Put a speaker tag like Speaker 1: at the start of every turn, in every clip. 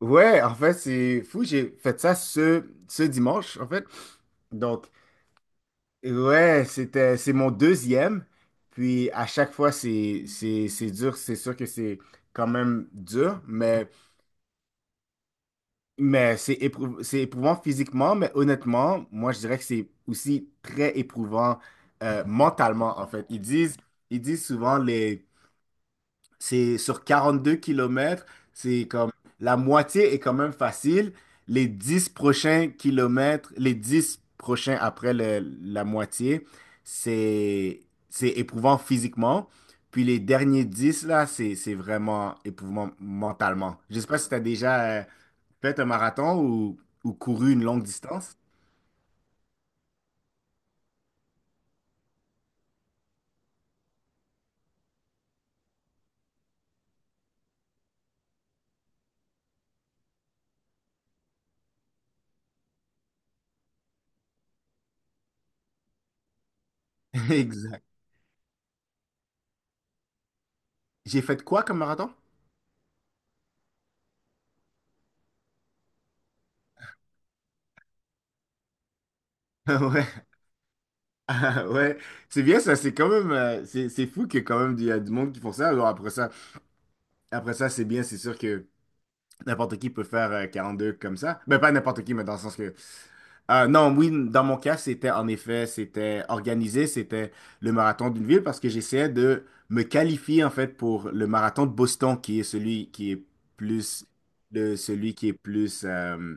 Speaker 1: Ouais, en fait, c'est fou. J'ai fait ça ce dimanche, en fait. Donc, ouais, c'est mon deuxième. Puis, à chaque fois, c'est dur. C'est sûr que c'est quand même dur, mais c'est éprouvant physiquement. Mais honnêtement, moi, je dirais que c'est aussi très éprouvant mentalement, en fait. Ils disent souvent les C'est sur 42 kilomètres, c'est comme la moitié est quand même facile. Les 10 prochains kilomètres, les 10 prochains après la moitié, c'est c'est éprouvant physiquement. Puis les derniers dix là, c'est vraiment éprouvant mentalement. Je sais pas si tu as déjà fait un marathon ou couru une longue distance. Exact. J'ai fait quoi comme marathon? Ouais, ouais, c'est bien ça, c'est quand même, c'est fou qu'il y ait quand même il y a du monde qui font ça. Alors après ça, c'est bien, c'est sûr que n'importe qui peut faire 42 comme ça. Mais pas n'importe qui, mais dans le sens que... Non, oui, dans mon cas, c'était en effet, c'était organisé, c'était le marathon d'une ville parce que j'essayais de me qualifier en fait pour le marathon de Boston qui est celui qui est plus le celui qui est plus euh,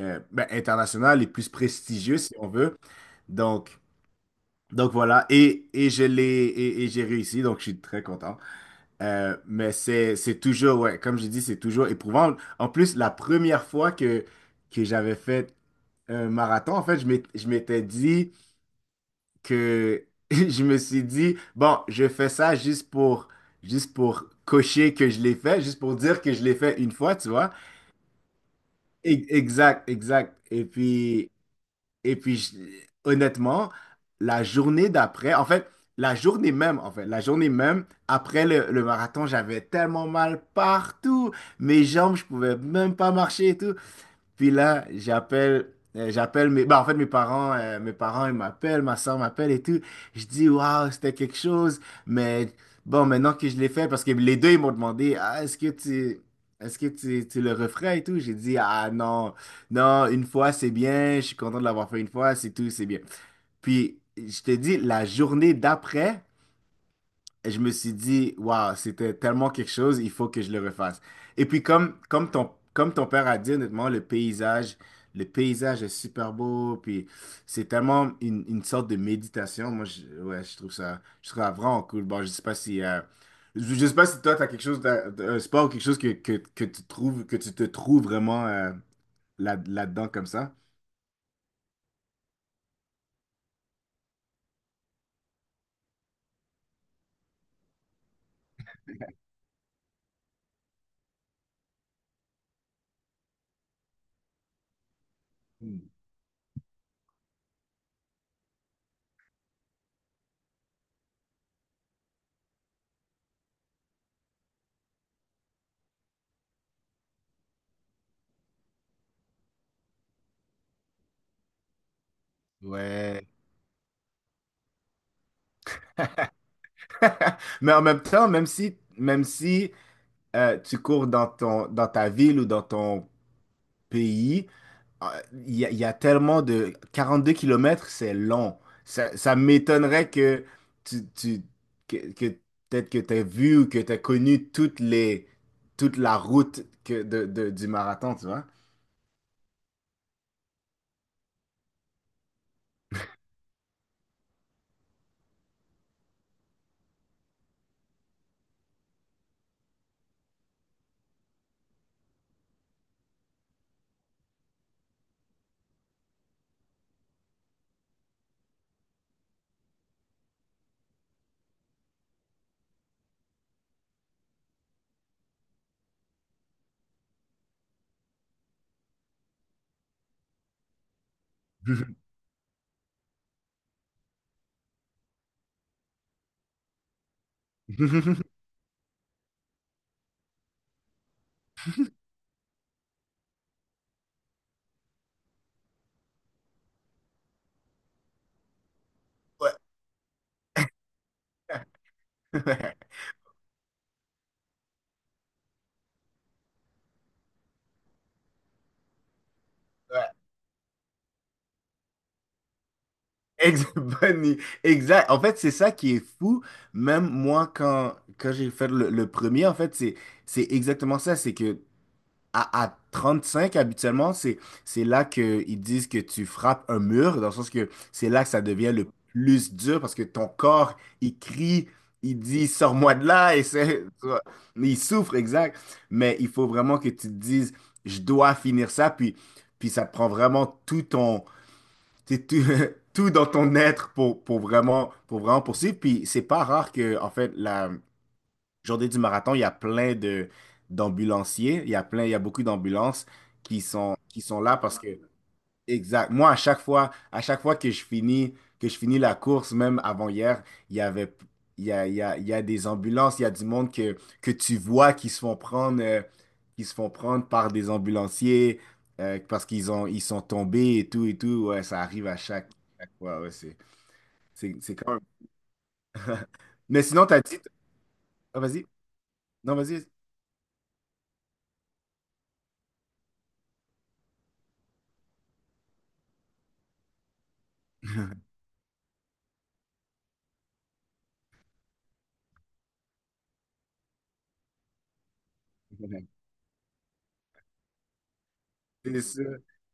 Speaker 1: euh, ben, international et plus prestigieux si on veut. Donc donc voilà et je l'ai et j'ai réussi donc je suis très content. Mais c'est toujours, ouais, comme je dis, c'est toujours éprouvant. En plus, la première fois que j'avais fait un marathon, en fait, je m'étais dit que je me suis dit, bon, je fais ça juste pour cocher que je l'ai fait, juste pour dire que je l'ai fait une fois, tu vois. Exact, exact. Et puis, honnêtement, la journée d'après, en fait, la journée même, après le marathon, j'avais tellement mal partout. Mes jambes, je pouvais même pas marcher et tout. Puis là, j'appelle mes, bah, en fait, mes parents, ils m'appellent, ma soeur m'appelle et tout. Je dis, waouh, c'était quelque chose. Mais bon, maintenant que je l'ai fait, parce que les deux, ils m'ont demandé, ah, est-ce que tu, tu le referais et tout? J'ai dit, ah, non, non, une fois, c'est bien. Je suis content de l'avoir fait une fois, c'est tout, c'est bien. Puis, je te dis, la journée d'après, je me suis dit, waouh, c'était tellement quelque chose, il faut que je le refasse. Et puis, comme ton père a dit, honnêtement, le paysage est super beau, puis c'est tellement une sorte de méditation. Moi, je, ouais, je trouve ça vraiment cool. Bon, je sais pas si toi, tu as quelque chose, d'un sport ou quelque chose que tu trouves, que tu te trouves vraiment là-dedans comme ça. Mm. Ouais. Mais en même temps, même si tu cours dans ton, dans ta ville ou dans ton pays, euh, il y a tellement de... 42 kilomètres, c'est long. Ça m'étonnerait tu, tu- que peut-être que tu as vu ou que tu as connu toutes les, toute la route du marathon, tu vois. Ouais. Ouais. Ouais. Ex- bonne i- Exact. En fait, c'est ça qui est fou. Même moi, quand j'ai fait le premier, en fait, c'est exactement ça. C'est que À 35, habituellement, c'est là qu'ils disent que tu frappes un mur, dans le sens que c'est là que ça devient le plus dur parce que ton corps, il crie, il dit sors-moi de là, et c'est, tu vois, il souffre, exact. Mais il faut vraiment que tu te dises je dois finir ça, puis ça te prend vraiment tout ton, tu sais, tout, tout dans ton être pour vraiment poursuivre. Puis c'est pas rare que, en fait, la journée du marathon, il y a plein de d'ambulanciers, il y a plein, il y a beaucoup d'ambulances qui sont là. Parce que Exact. Moi, à chaque fois que je finis la course, même avant hier, il y avait il y a, il y a, il y a des ambulances, il y a du monde que tu vois qui se font prendre qui se font prendre par des ambulanciers parce qu'ils sont tombés et tout et tout. Ouais, ça arrive à chaque fois. Ouais, c'est quand même. Mais sinon, t'as dit. Ah, vas-y. Non, vas-y. C'est sûr,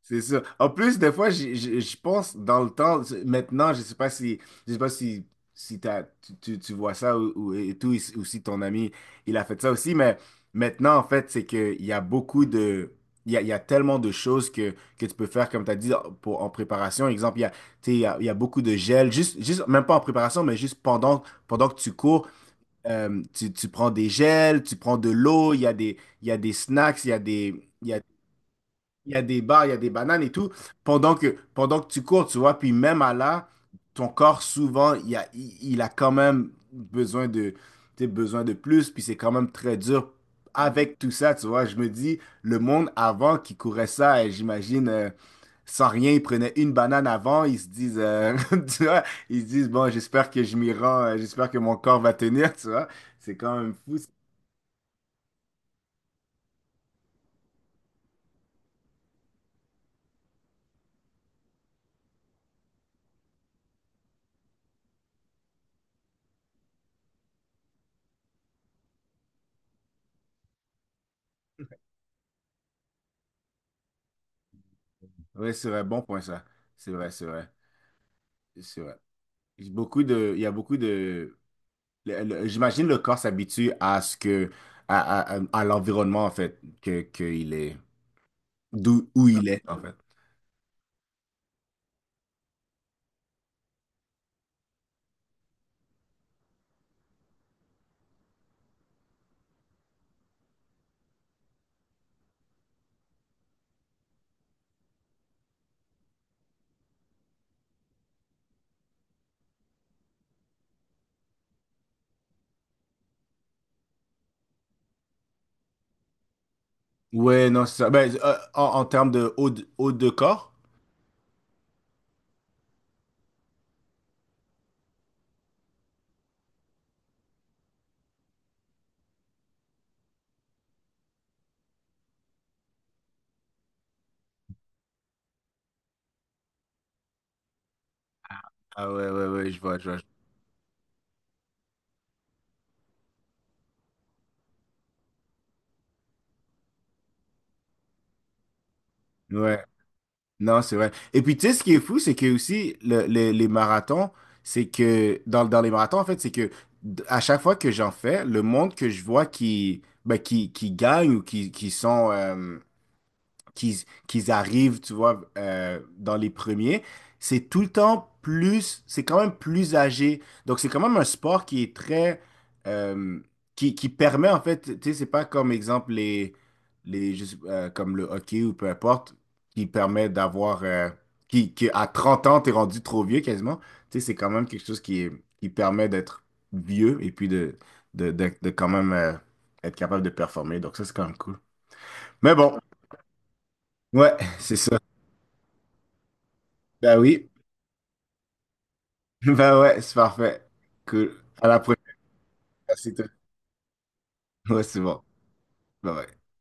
Speaker 1: c'est sûr. En plus, des fois, je pense dans le temps, maintenant, je sais pas si, si tu vois ça et tout, ou si ton ami, il a fait ça aussi, mais maintenant, en fait, c'est qu'il y a tellement de choses que tu peux faire, comme tu as dit, en préparation. Exemple, il y a, tu sais, il y a beaucoup de gel, même pas en préparation, mais juste pendant que tu cours, tu prends des gels, tu prends de l'eau, il y a des snacks, il y a des, il y a il y a des bars, il y a des bananes et tout. Pendant que tu cours, tu vois, puis même à là, ton corps, souvent, il a quand même besoin de, tu sais, besoin de plus, puis c'est quand même très dur avec tout ça, tu vois. Je me dis, le monde avant qui courait ça, j'imagine, sans rien, ils prenaient une banane avant, ils se disent, tu vois, ils se disent, bon, j'espère que je m'y rends, j'espère que mon corps va tenir, tu vois. C'est quand même fou. Ouais, c'est vrai, bon point ça. C'est vrai, c'est vrai, c'est vrai. Il y a beaucoup de, j'imagine le corps s'habitue à ce que, à l'environnement, en fait, que il est, où il est, en fait. Ouais, non, c'est ça. Ben, en termes de haut, de corps? Ah ouais, ouais, ouais, je vois, je vois. Ouais, non, c'est vrai. Et puis, tu sais, ce qui est fou, c'est que aussi, les marathons, c'est que, dans les marathons, en fait, à chaque fois que j'en fais, le monde que je vois qui, ben, qui gagne ou qui sont, qu'ils qu'ils arrivent, tu vois, dans les premiers, c'est tout le temps plus, c'est quand même plus âgé. Donc, c'est quand même un sport qui est très, euh, qui permet, en fait, tu sais, c'est pas comme exemple les, comme le hockey ou peu importe, qui permet d'avoir, qui à 30 ans, t'es rendu trop vieux quasiment. Tu sais, c'est quand même quelque chose qui permet d'être vieux et puis de quand même être capable de performer. Donc, ça, c'est quand même cool. Mais bon, ouais, c'est ça. Ben oui, ben ouais, c'est parfait. Cool. À la prochaine. Merci de- Ouais, c'est bon. Bye bye.